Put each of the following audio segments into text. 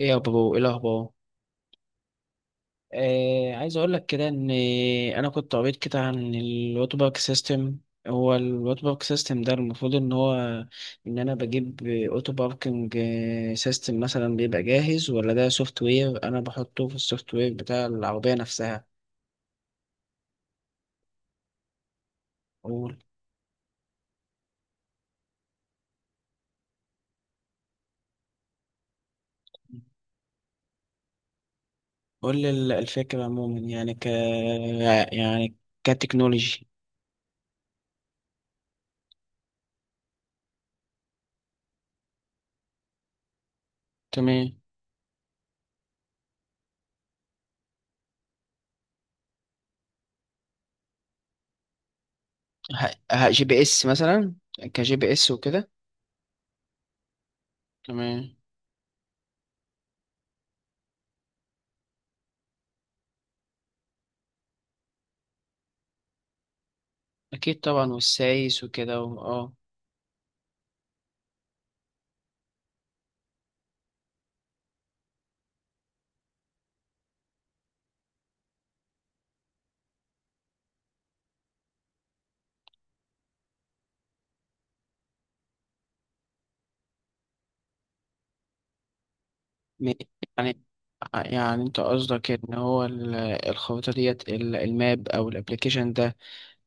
ايه يا بابا، ايه الاخبار؟ عايز اقول لك كده ان انا كنت قريت كده عن الوات بارك سيستم. هو الوات بارك سيستم ده المفروض ان هو، ان انا بجيب اوتو باركنج سيستم مثلا بيبقى جاهز ولا ده سوفت وير انا بحطه في السوفت وير بتاع العربية نفسها. قول، قول لي الفكرة عموما، يعني ك يعني كتكنولوجي. تمام. ه... جي بي اس مثلا، كجي بي اس وكده. تمام، أكيد طبعا، والسايس وكده م- يعني يعني أنت قصدك إن هو الخريطة ديت، الماب أو الأبليكيشن ده،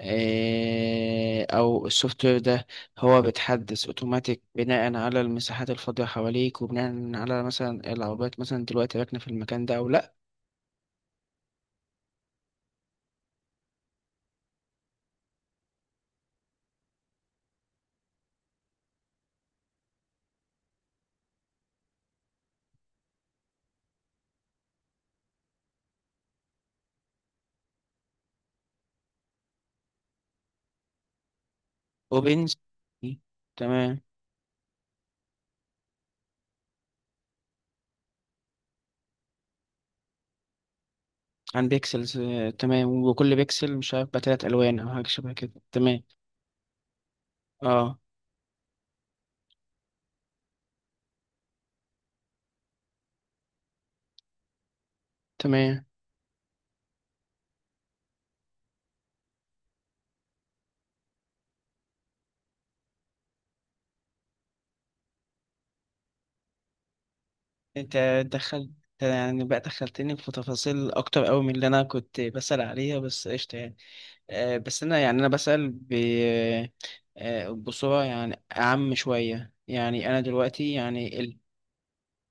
أو السوفت وير ده، هو بيتحدث أوتوماتيك بناء على المساحات الفاضية حواليك، وبناء على مثلا العربيات مثلا دلوقتي راكنة في المكان ده أو لأ. وبينزل. تمام. عن بيكسلز، تمام، وكل بيكسل مش عارف بقى تلات ألوان أو حاجة شبه كده. تمام، اه تمام. انت دخلت يعني بقى دخلتني في تفاصيل اكتر قوي من اللي انا كنت بسأل عليها، بس قشطة يعني. بس انا يعني انا بسأل ب آه، بصورة يعني اعم شوية. يعني انا دلوقتي يعني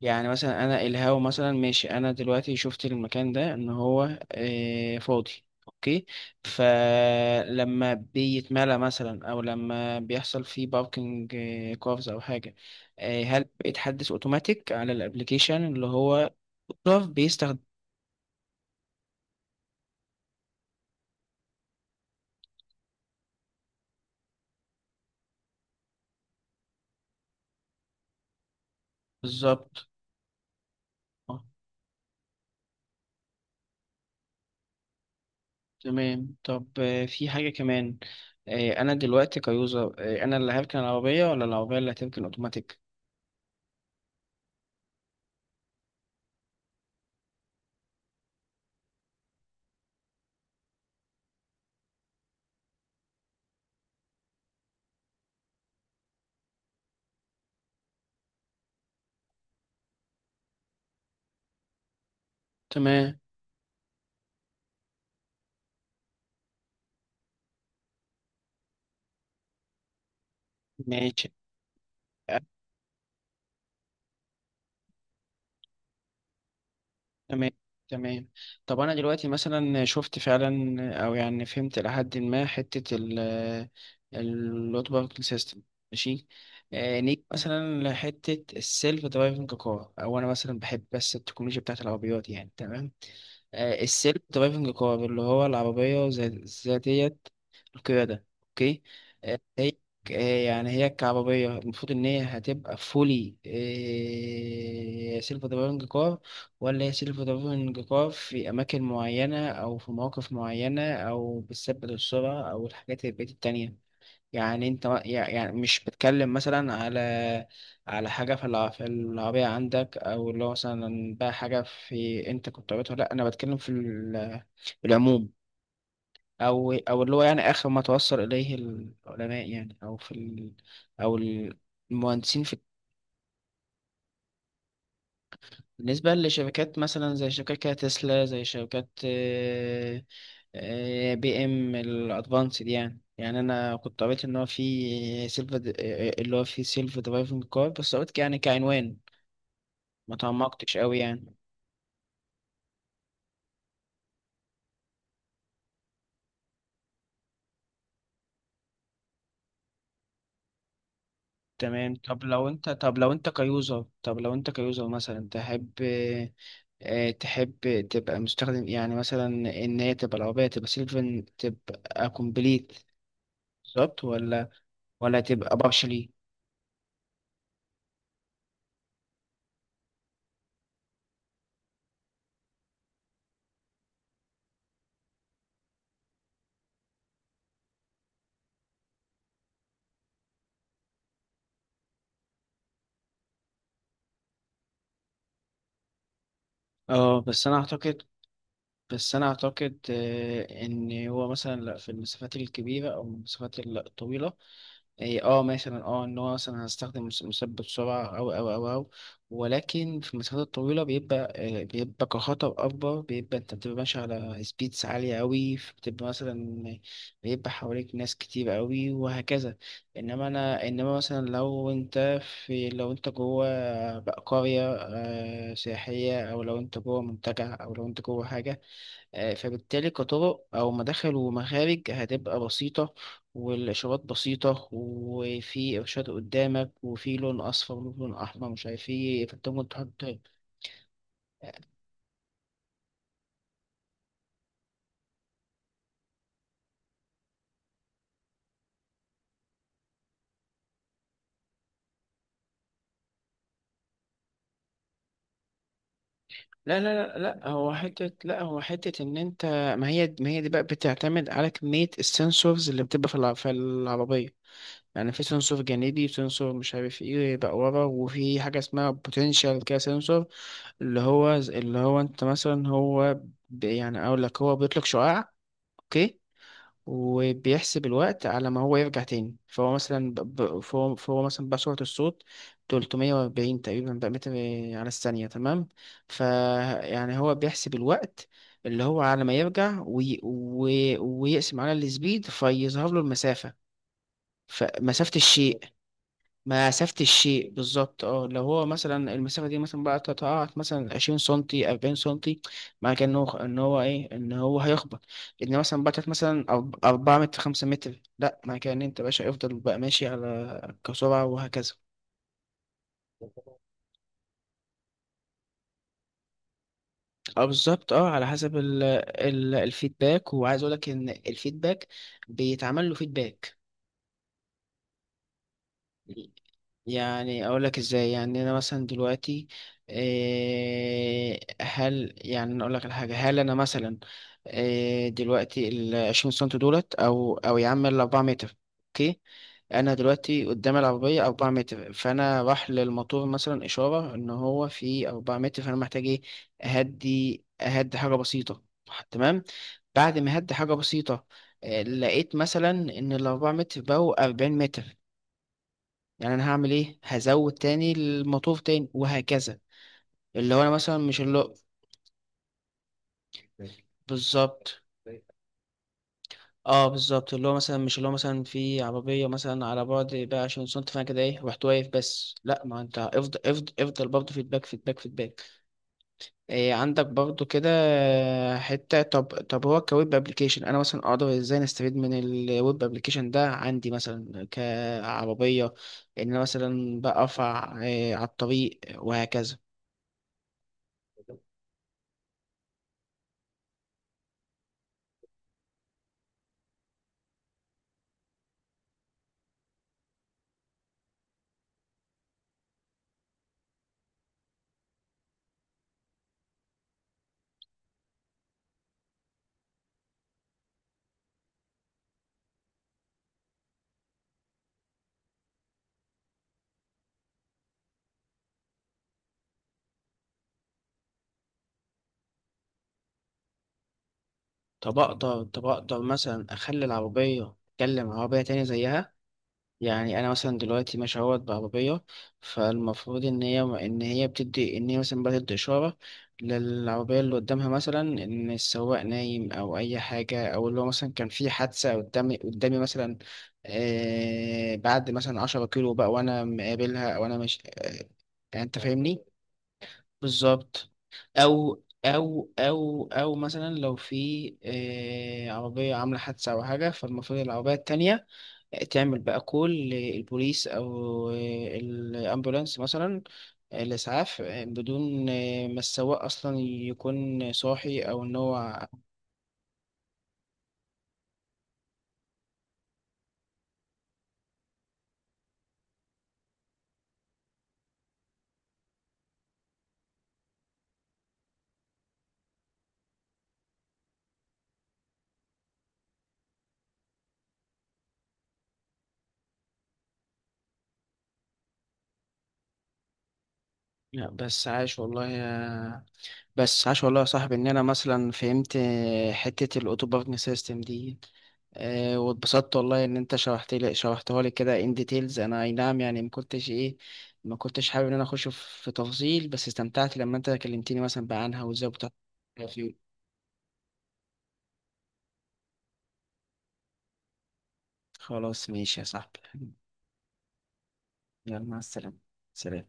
يعني مثلا انا الهاو مثلا، ماشي، انا دلوقتي شفت المكان ده ان هو فاضي، اوكي. فلما بيتملى مثلا او لما بيحصل فيه باركنج كوفز او حاجه، هل بيتحدث اوتوماتيك على الابليكيشن اللي هو كوف بيستخدم؟ بالظبط. آه، تمام. طب في حاجه كمان، انا دلوقتي كيوزر، انا اللي هركن العربيه ولا العربيه اللي هتركن اوتوماتيك؟ تمام. ماشي. تمام، تمام. طب انا دلوقتي مثلا شفت فعلا او يعني فهمت لحد ما حته ال اللوت باركل سيستم. ماشي. نيجي مثلا لحته السيلف درايفنج كار، او انا مثلا بحب بس التكنولوجيا بتاعت العربيات يعني. تمام. السيلف درايفنج كار اللي هو العربية ذاتية القيادة، اوكي. آه، هي آه، يعني هي كعربية المفروض ان هي هتبقى فولي سيلف درايفنج كار، ولا هي سيلف درايفنج كار في اماكن معينة او في مواقف معينة، او بتثبت السرعة او الحاجات البقية التانية؟ يعني انت يعني مش بتكلم مثلا على على حاجة في في العربية عندك، او اللي هو مثلا بقى حاجة في انت كنت عملتها. لا، انا بتكلم في العموم، او اللي هو يعني اخر ما توصل اليه العلماء يعني، او في ال، او المهندسين في، بالنسبة لشركات مثلا زي شركات كده تسلا، زي شركات بي ام الادفانسد يعني. يعني انا كنت قريت ان هو في سيلف، اللي هو في سيلف درايفنج كار، بس قلت يعني كعنوان ما تعمقتش قوي يعني. تمام. طب لو انت، طب لو انت كيوزر، طب لو انت كيوزر مثلا تحب، تحب تبقى مستخدم، يعني مثلا ان هي تبقى العربية تبقى سيلف، تبقى كومبليت، بالظبط ولا ولا تبقى بارشلي؟ اه، بس انا اعتقد، بس أنا أعتقد إن هو مثلا لأ، في المسافات الكبيرة أو المسافات الطويلة، إيه، اه مثلا اه ان هو مثلا هستخدم مثبت سرعة، او ولكن في المسافات الطويلة بيبقى بيبقى كخطر أكبر، بيبقى أنت بتبقى ماشي على سبيدز عالية أوي، بتبقى مثلا بيبقى حواليك ناس كتير أوي وهكذا. إنما أنا إنما مثلا لو أنت، في لو أنت جوه بقى قرية سياحية، أو لو أنت جوه منتجع، أو لو أنت جوه حاجة، فبالتالي كطرق أو مداخل ومخارج هتبقى بسيطة، والإشارات بسيطة، وفي إرشاد قدامك، وفي لون أصفر ولون أحمر مش عارف إيه، فأنت ممكن تحط. لا لا لا لا، هو حتة، لا هو حتة إن أنت، ما هي ما هي دي بقى بتعتمد على كمية السنسورز اللي بتبقى في في العربية. يعني في سنسور جانبي، وسنسور مش عارف ايه بقى ورا، وفي حاجة اسمها بوتنشال كده سنسور، اللي هو انت مثلا، هو يعني اقول لك، هو بيطلق شعاع، اوكي، وبيحسب الوقت على ما هو يرجع تاني. فهو مثلا فهو مثلا بقى سرعة الصوت 340 تقريبا بقى متر على الثانية، تمام؟ فيعني هو بيحسب الوقت اللي هو على ما يرجع ويقسم على السبيد فيظهر له المسافة، فمسافة الشيء، مسافة الشيء بالظبط. اه، لو هو مثلا المسافة دي مثلا بقى تتقاعد مثلا 20 سنتي، 40 سنتي، مع كأنه إن هو إن هو إيه إن هو هيخبط. إن مثلا بقى مثلا أربعة متر، 5 متر، لأ، مع كأن أنت باشا يفضل بقى ماشي على كسرعة وهكذا. اه بالظبط، اه على حسب ال ال الفيدباك، وعايز أقولك إن الفيدباك بيتعمل له فيدباك. يعني اقول لك ازاي. يعني انا مثلا دلوقتي، هل يعني أنا اقول لك على حاجه هل انا مثلا، دلوقتي ال 20 سم دولت، او يا عم ال 4 متر، اوكي، انا دلوقتي قدام العربيه 4 متر، فانا راح للموتور مثلا اشاره ان هو في 4 متر، فانا محتاج ايه، اهدي، اهدي حاجه بسيطه، تمام. بعد ما هدي حاجه بسيطه، لقيت مثلا ان ال 4 متر بقوا 40 متر، يعني انا هعمل ايه، هزود تاني المطلوب تاني وهكذا. اللي هو انا مثلا مش اللي هو، بالظبط. اه بالظبط، اللي هو مثلا مش اللي هو مثلا في عربية مثلا على بعد بقى عشان سنت، فانا كده ايه رحت واقف، بس لا، ما انت افضل افضل افضل برضه، فيدباك فيدباك فيدباك، إيه عندك برضه كده. حتة، طب هو كويب ابلكيشن، انا مثلا اقدر ازاي نستفيد من الويب ابلكيشن ده عندي مثلا كعربية، ان انا مثلا بقى ارفع إيه على الطريق وهكذا. طب أقدر، طب أقدر مثلا أخلي العربية أتكلم عربية تانية زيها؟ يعني أنا مثلا دلوقتي ماشي أهوت بعربية، فالمفروض إن هي بتدي، إن هي مثلا بتدي إشارة للعربية اللي قدامها، مثلا إن السواق نايم أو أي حاجة، أو اللي هو مثلا كان في حادثة قدامي مثلا، آه بعد مثلا 10 كيلو بقى وأنا مقابلها، أو أنا مش آه، يعني أنت فاهمني؟ بالظبط، او او او او مثلا لو في عربيه عامله حادثه او حاجه، فالمفروض العربيه التانية تعمل بقى كول للبوليس، او آه، الامبولانس مثلا، الاسعاف، بدون ما السواق اصلا يكون صاحي او ان هو. لا، بس عاش والله يا، بس عاش والله يا صاحبي، ان انا مثلا فهمت حته الاوتو باركن سيستم دي، واتبسطت والله ان انت شرحت لي، شرحتها لي كده ان ديتيلز. انا اي نعم يعني ما كنتش ايه، ما كنتش حابب ان انا اخش في في تفاصيل، بس استمتعت لما انت كلمتني مثلا بقى عنها وازاي بتعرف. خلاص ماشي يا صاحبي. يلا، مع السلامة. سلام.